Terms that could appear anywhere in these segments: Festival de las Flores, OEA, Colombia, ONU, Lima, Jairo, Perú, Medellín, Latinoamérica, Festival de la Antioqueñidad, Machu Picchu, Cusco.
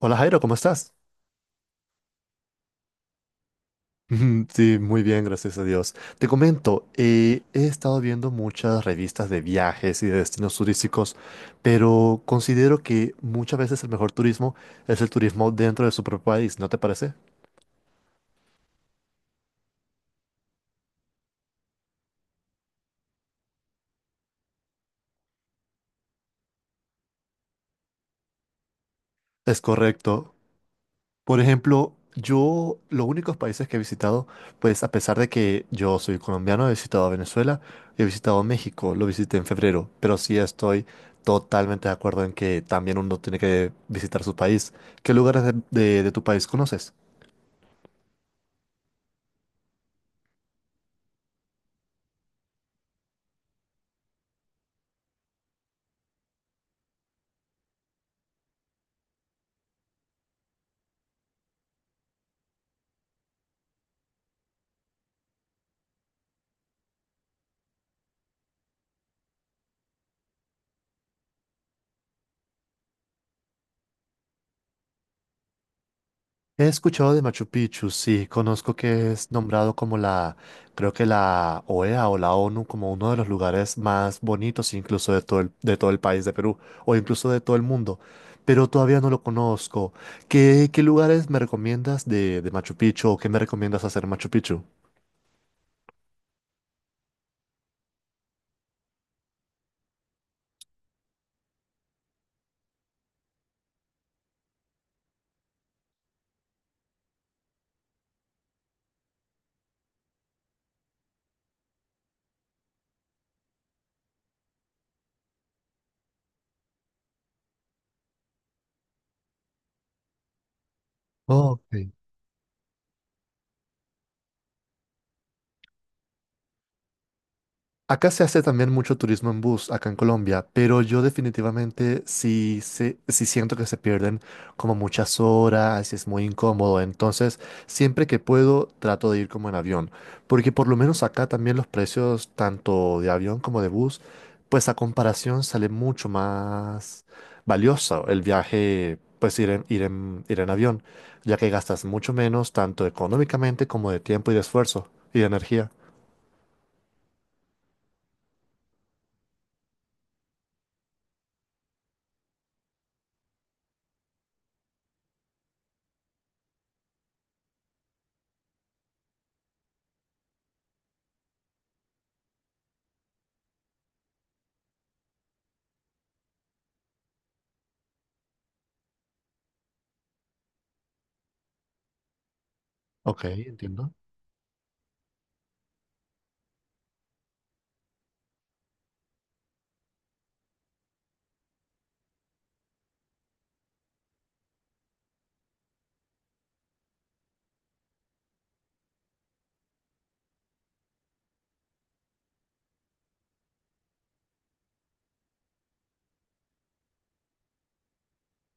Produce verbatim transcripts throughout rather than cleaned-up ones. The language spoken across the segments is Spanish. Hola Jairo, ¿cómo estás? Sí, muy bien, gracias a Dios. Te comento, eh, he estado viendo muchas revistas de viajes y de destinos turísticos, pero considero que muchas veces el mejor turismo es el turismo dentro de su propio país, ¿no te parece? Es correcto. Por ejemplo, yo los únicos países que he visitado, pues a pesar de que yo soy colombiano, he visitado a Venezuela, he visitado México, lo visité en febrero, pero sí estoy totalmente de acuerdo en que también uno tiene que visitar su país. ¿Qué lugares de, de- de tu país conoces? He escuchado de Machu Picchu, sí, conozco que es nombrado como la, creo que la O E A o la ONU como uno de los lugares más bonitos incluso de todo el, de todo el país de Perú o incluso de todo el mundo, pero todavía no lo conozco. ¿Qué, qué lugares me recomiendas de, de Machu Picchu o qué me recomiendas hacer en Machu Picchu? Ok. Acá se hace también mucho turismo en bus, acá en Colombia, pero yo definitivamente sí, se- sí siento que se pierden como muchas horas, es muy incómodo, entonces siempre que puedo trato de ir como en avión, porque por lo menos acá también los precios tanto de avión como de bus, pues a comparación sale mucho más valioso el viaje, pues ir en, ir en, ir en avión, ya que gastas mucho menos tanto económicamente como de tiempo y de esfuerzo y de energía. Ok, entiendo.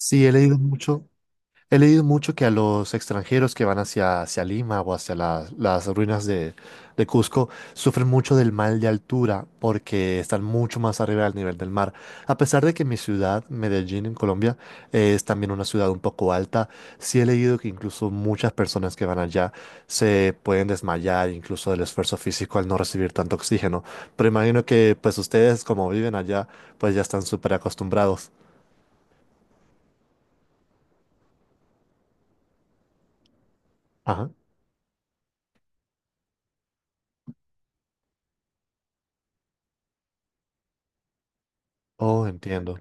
Sí, he leído mucho, he leído mucho que a los extranjeros que van hacia, hacia Lima o hacia las las ruinas de, de Cusco sufren mucho del mal de altura porque están mucho más arriba del nivel del mar. A pesar de que mi ciudad, Medellín, en Colombia, es también una ciudad un poco alta, sí he leído que incluso muchas personas que van allá se pueden desmayar incluso del esfuerzo físico al no recibir tanto oxígeno. Pero imagino que pues ustedes como viven allá, pues ya están súper acostumbrados. Ajá. Oh, entiendo.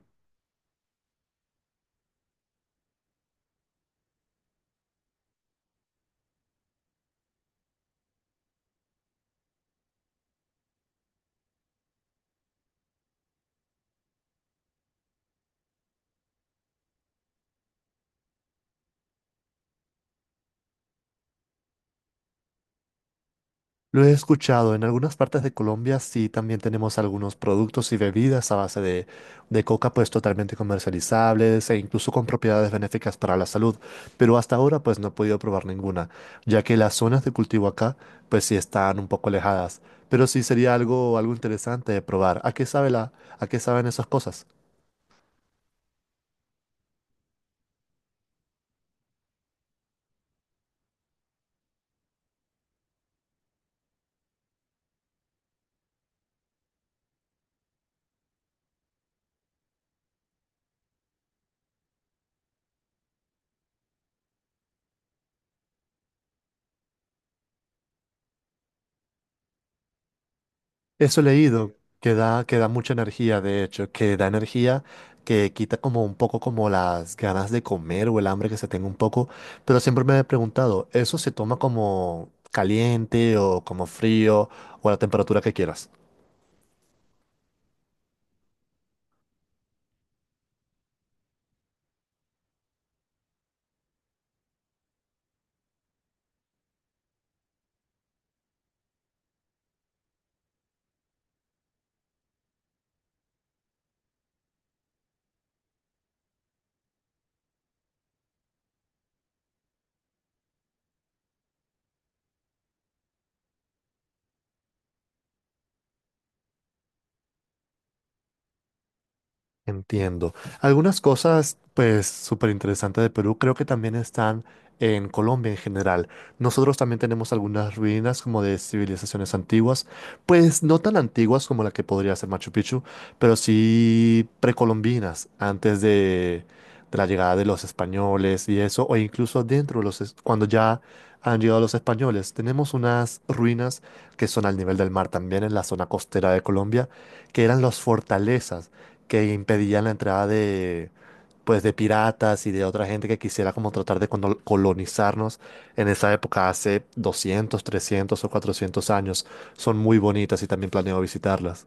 Lo he escuchado, en algunas partes de Colombia sí también tenemos algunos productos y bebidas a base de, de coca pues totalmente comercializables e incluso con propiedades benéficas para la salud, pero hasta ahora pues no he podido probar ninguna, ya que las zonas de cultivo acá pues sí están un poco alejadas, pero sí sería algo, algo interesante de probar. ¿A qué sabe la, a qué saben esas cosas? Eso he leído, que da, que da mucha energía, de hecho, que da energía, que quita como un poco como las ganas de comer o el hambre que se tenga un poco, pero siempre me he preguntado, ¿eso se toma como caliente o como frío o a la temperatura que quieras? Entiendo. Algunas cosas, pues, súper interesantes de Perú, creo que también están en Colombia en general. Nosotros también tenemos algunas ruinas como de civilizaciones antiguas, pues no tan antiguas como la que podría ser Machu Picchu, pero sí precolombinas, antes de, de la llegada de los españoles y eso, o incluso dentro de los, es- cuando ya han llegado los españoles. Tenemos unas ruinas que son al nivel del mar también en la zona costera de Colombia, que eran las fortalezas que impedían la entrada de, pues, de piratas y de otra gente que quisiera como tratar de cono- colonizarnos en esa época hace doscientos, trescientos o cuatrocientos años. Son muy bonitas y también planeo visitarlas.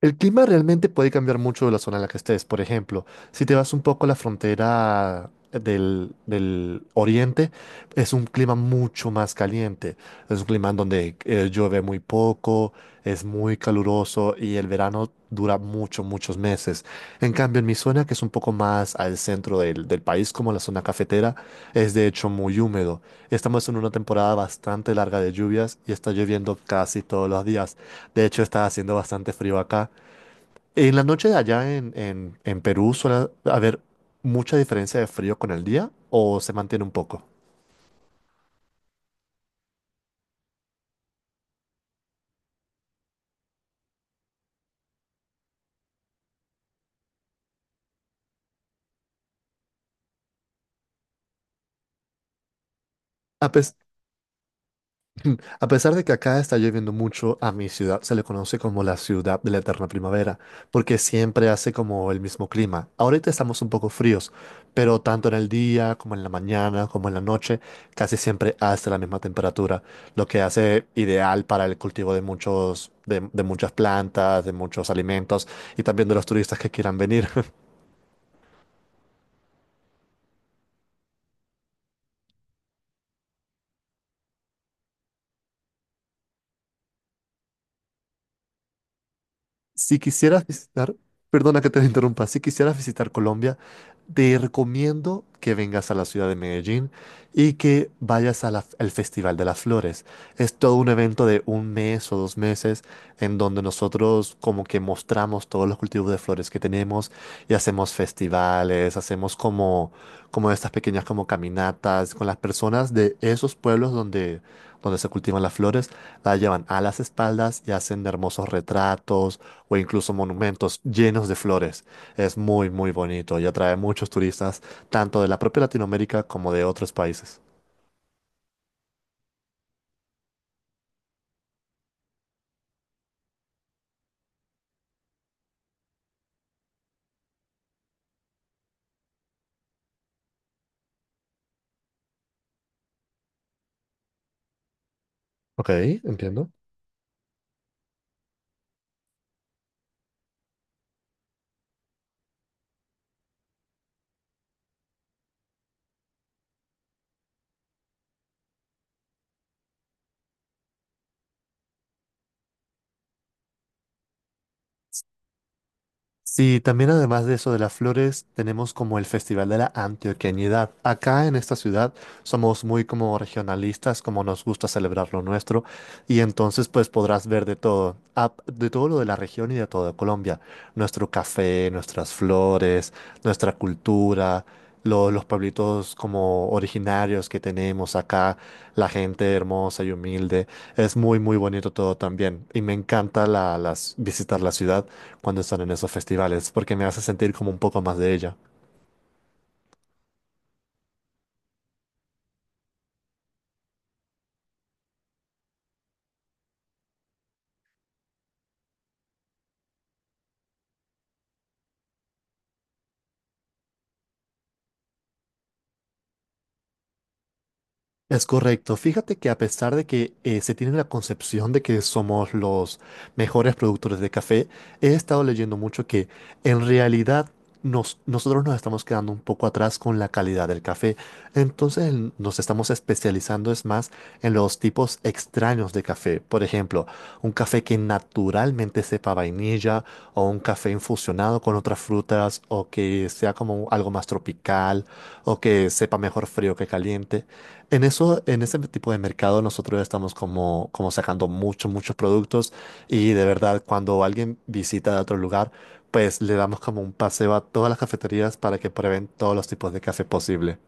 El clima realmente puede cambiar mucho de la zona en la que estés. Por ejemplo, si te vas un poco a la frontera del, del oriente, es un clima mucho más caliente. Es un clima en donde eh, llueve muy poco, es muy caluroso y el verano dura mucho, muchos meses. En cambio, en mi zona, que es un poco más al centro del, del país, como la zona cafetera, es de hecho muy húmedo. Estamos en una temporada bastante larga de lluvias y está lloviendo casi todos los días. De hecho, está haciendo bastante frío acá. En la noche de allá en, en, en Perú suele haber mucha diferencia de frío con el día o se mantiene un poco. A, pes- a pesar de que acá está lloviendo mucho, a mi ciudad se le conoce como la ciudad de la eterna primavera, porque siempre hace como el mismo clima. Ahorita estamos un poco fríos, pero tanto en el día como en la mañana, como en la noche, casi siempre hace la misma temperatura, lo que hace ideal para el cultivo de muchos, de, de muchas plantas, de muchos alimentos y también de los turistas que quieran venir. Si quisieras visitar, perdona que te interrumpa, si quisieras visitar Colombia, te recomiendo que vengas a la ciudad de Medellín y que vayas a la- al Festival de las Flores. Es todo un evento de un mes o dos meses en donde nosotros como que mostramos todos los cultivos de flores que tenemos y hacemos festivales, hacemos como, como estas pequeñas como caminatas con las personas de esos pueblos donde, donde se cultivan las flores, las llevan a las espaldas y hacen hermosos retratos o incluso monumentos llenos de flores. Es muy, muy bonito y atrae muchos turistas, tanto de la propia Latinoamérica como de otros países. Ok, entiendo. Sí, también además de eso de las flores, tenemos como el Festival de la Antioqueñidad. Acá en esta ciudad somos muy como regionalistas, como nos gusta celebrar lo nuestro. Y entonces pues podrás ver de todo, ap- de todo lo de la región y de toda Colombia. Nuestro café, nuestras flores, nuestra cultura, lo- los pueblitos como originarios que tenemos acá, la gente hermosa y humilde. Es muy, muy bonito todo también. Y me encanta la, las, visitar la ciudad cuando están en esos festivales porque me hace sentir como un poco más de ella. Es correcto. Fíjate que a pesar de que eh, se tiene la concepción de que somos los mejores productores de café, he estado leyendo mucho que en realidad nos- nosotros nos estamos quedando un poco atrás con la calidad del café. Entonces en- nos estamos especializando es más en los tipos extraños de café. Por ejemplo, un café que naturalmente sepa vainilla vainilla o un café infusionado con otras frutas o que sea como algo más tropical o que sepa mejor frío que caliente. En eso, en ese tipo de mercado nosotros estamos como, como sacando muchos, muchos productos y de verdad cuando alguien visita de otro lugar, pues le damos como un paseo a todas las cafeterías para que prueben todos los tipos de café posible.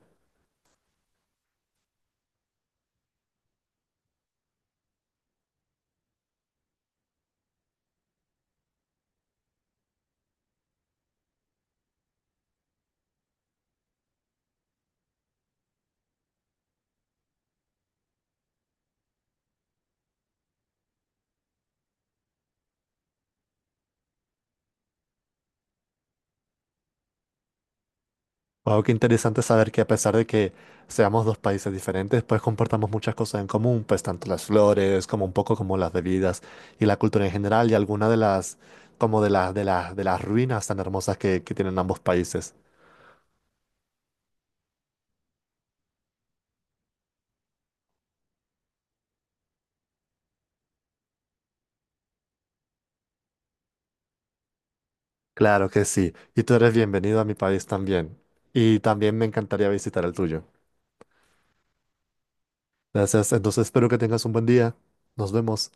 Wow, qué interesante saber que a pesar de que seamos dos países diferentes, pues compartamos muchas cosas en común, pues tanto las flores como un poco como las bebidas y la cultura en general y algunas de las como de las de las de las ruinas tan hermosas que, que tienen ambos países. Claro que sí. Y tú eres bienvenido a mi país también. Y también me encantaría visitar el tuyo. Gracias. Entonces espero que tengas un buen día. Nos vemos.